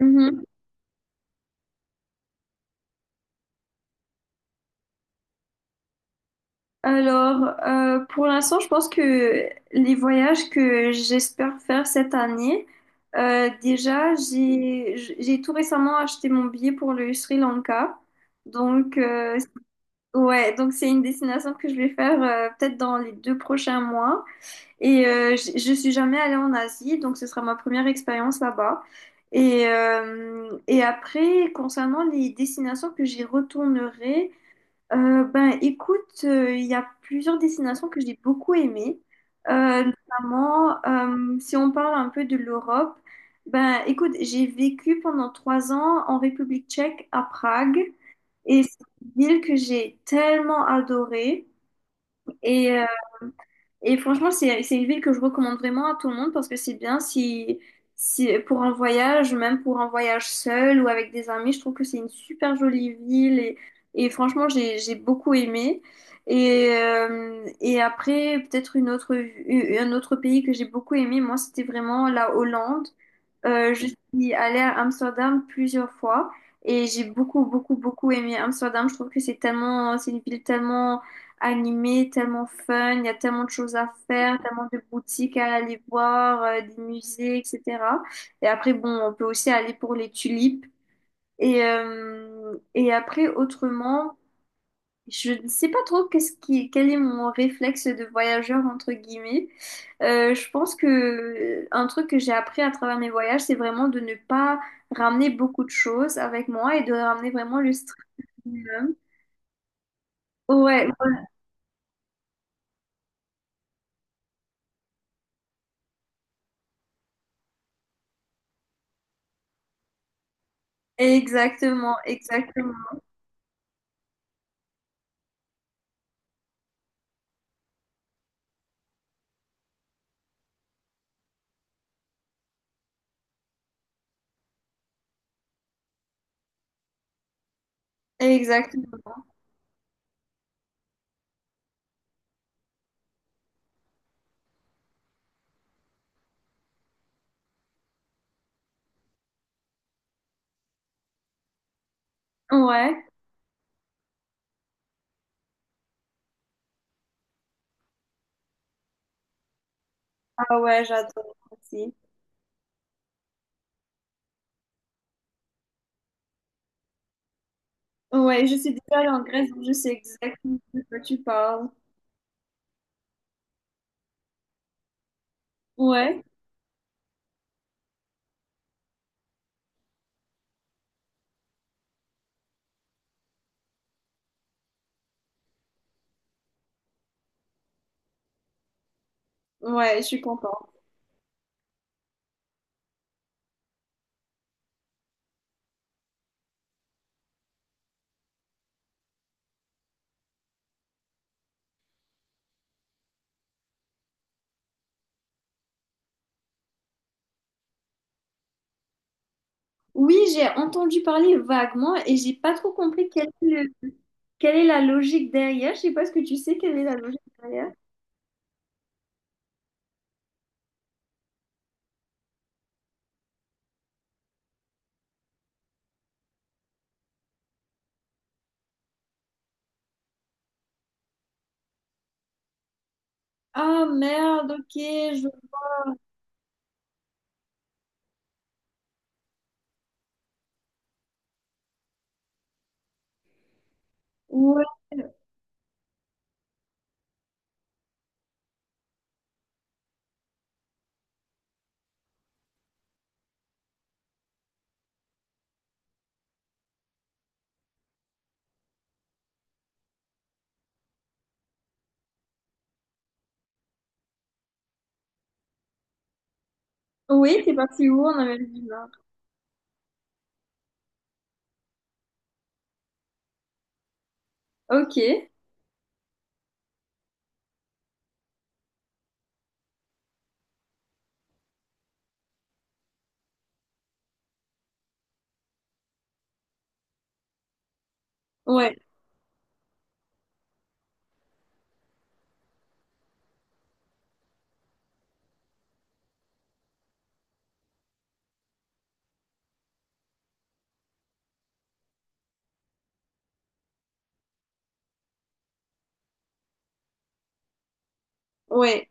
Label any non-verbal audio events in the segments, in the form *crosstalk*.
Mhm. Alors, pour l'instant, je pense que les voyages que j'espère faire cette année, déjà, j'ai tout récemment acheté mon billet pour le Sri Lanka. Donc, ouais, donc c'est une destination que je vais faire peut-être dans les 2 prochains mois. Et je suis jamais allée en Asie, donc ce sera ma première expérience là-bas. Et après, concernant les destinations que j'y retournerai, ben, écoute, il y a plusieurs destinations que j'ai beaucoup aimées, notamment si on parle un peu de l'Europe. Ben, écoute, j'ai vécu pendant 3 ans en République tchèque à Prague et c'est une ville que j'ai tellement adorée. Et euh, et franchement, c'est une ville que je recommande vraiment à tout le monde parce que c'est bien si, pour un voyage, même pour un voyage seul ou avec des amis, je trouve que c'est une super jolie ville et franchement, j'ai beaucoup aimé. Et après, peut-être une autre, un autre pays que j'ai beaucoup aimé, moi, c'était vraiment la Hollande. Je suis allée à Amsterdam plusieurs fois et j'ai beaucoup, beaucoup, beaucoup aimé Amsterdam. Je trouve que c'est tellement, c'est une ville tellement animée, tellement fun. Il y a tellement de choses à faire, tellement de boutiques à aller voir, des musées, etc. Et après, bon, on peut aussi aller pour les tulipes. Et après, autrement, je ne sais pas trop quel est mon réflexe de voyageur entre guillemets. Je pense que un truc que j'ai appris à travers mes voyages, c'est vraiment de ne pas ramener beaucoup de choses avec moi et de ramener vraiment le strict minimum. Ouais, exactement, exactement, exactement. Ouais, ah ouais, j'adore aussi. Ouais, je suis déjà allée en Grèce, donc je sais exactement de quoi tu parles. Ouais, ouais, je suis contente. Oui, j'ai entendu parler vaguement et j'ai pas trop compris quelle est la logique derrière. Je sais pas ce que tu sais, quelle est la logique derrière. Ah merde, ok. Je... Ouais. Oui, c'est parti où en Amérique du Nord? Ok. Ouais, ouais,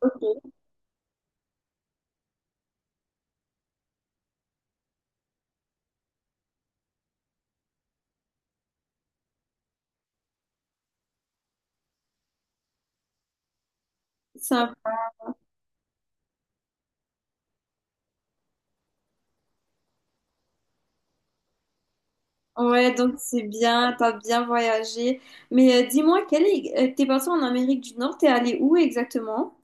ok. Sympa. Ouais, donc c'est bien, t'as bien voyagé. Mais dis-moi, quel est... t'es parti en Amérique du Nord, t'es allé où exactement?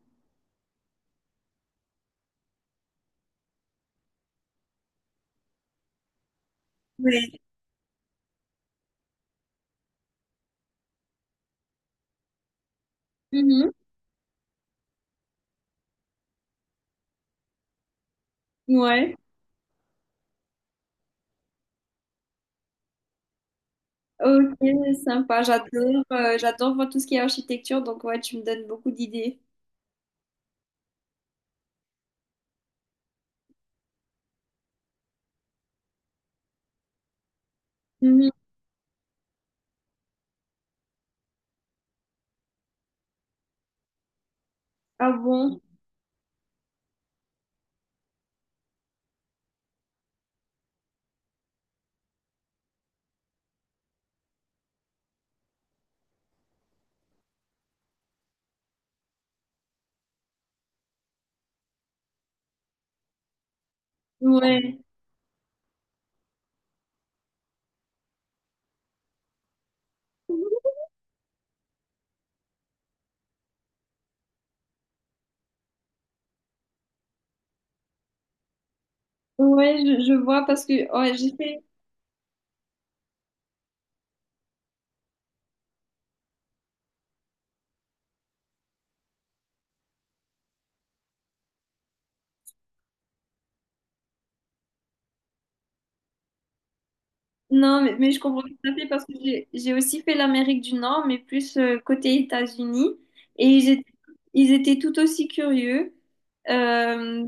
Ouais. Mhm. Ouais. Ok, sympa, j'adore, j'adore voir tout ce qui est architecture, donc ouais, tu me donnes beaucoup d'idées. Mhm. Ah bon? Ouais, ouais, je vois parce que ouais, j'ai fait. Non, mais je comprends tout à fait parce que j'ai aussi fait l'Amérique du Nord, mais plus côté États-Unis, et ils étaient tout aussi curieux. Euh,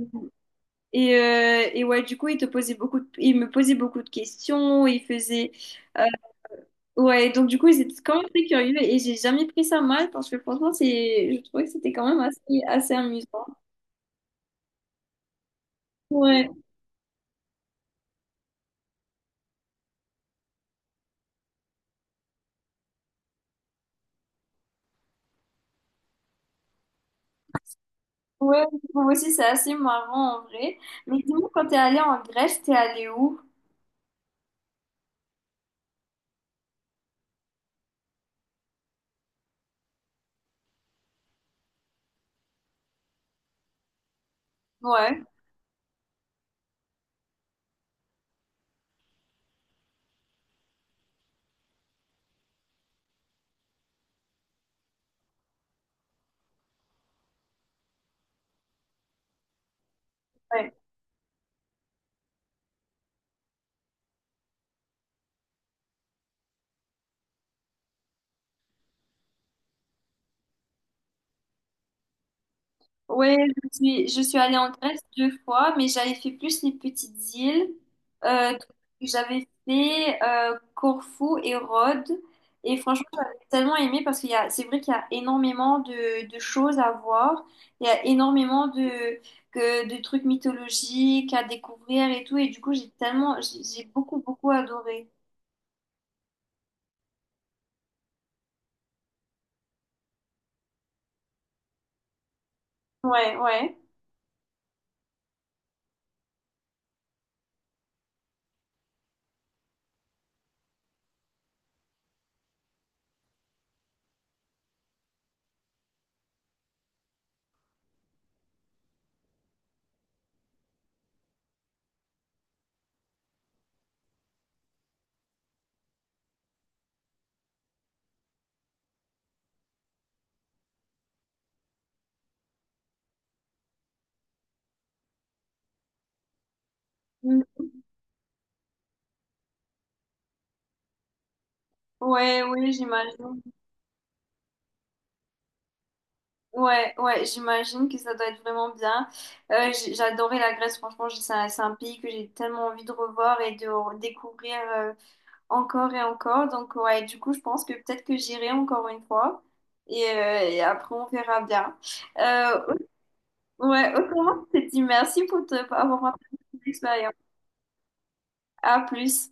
et ouais, du coup, ils me posaient beaucoup de questions, ils faisaient. Ouais, donc du coup, ils étaient quand même très curieux et j'ai jamais pris ça mal parce que franchement, je trouvais que c'était quand même assez amusant. Ouais, ouais, moi aussi, c'est assez marrant en vrai. Mais dis-moi, quand t'es allé en Grèce, t'es allé où? Ouais, ouais. Ouais, je suis allée en Grèce deux fois, mais j'avais fait plus les petites îles. Donc, j'avais fait Corfou et Rhodes. Et franchement, j'avais tellement aimé parce qu'c'est vrai qu'il y a énormément de choses à voir. Il y a énormément de trucs mythologiques à découvrir et tout. Et du coup, j'ai beaucoup, beaucoup adoré. Ouais, ouais. Mm. Ouais, oui, j'imagine. Ouais, ouais, j'imagine que ça doit être vraiment bien. J'ai adoré la Grèce, franchement, c'est un pays que j'ai tellement envie de revoir et de découvrir encore et encore. Donc, ouais, du coup, je pense que peut-être que j'irai encore une fois et après, on verra bien. Euh, ouais, *laughs* autrement, je te dis merci pour avoir partagé ton expérience. À plus.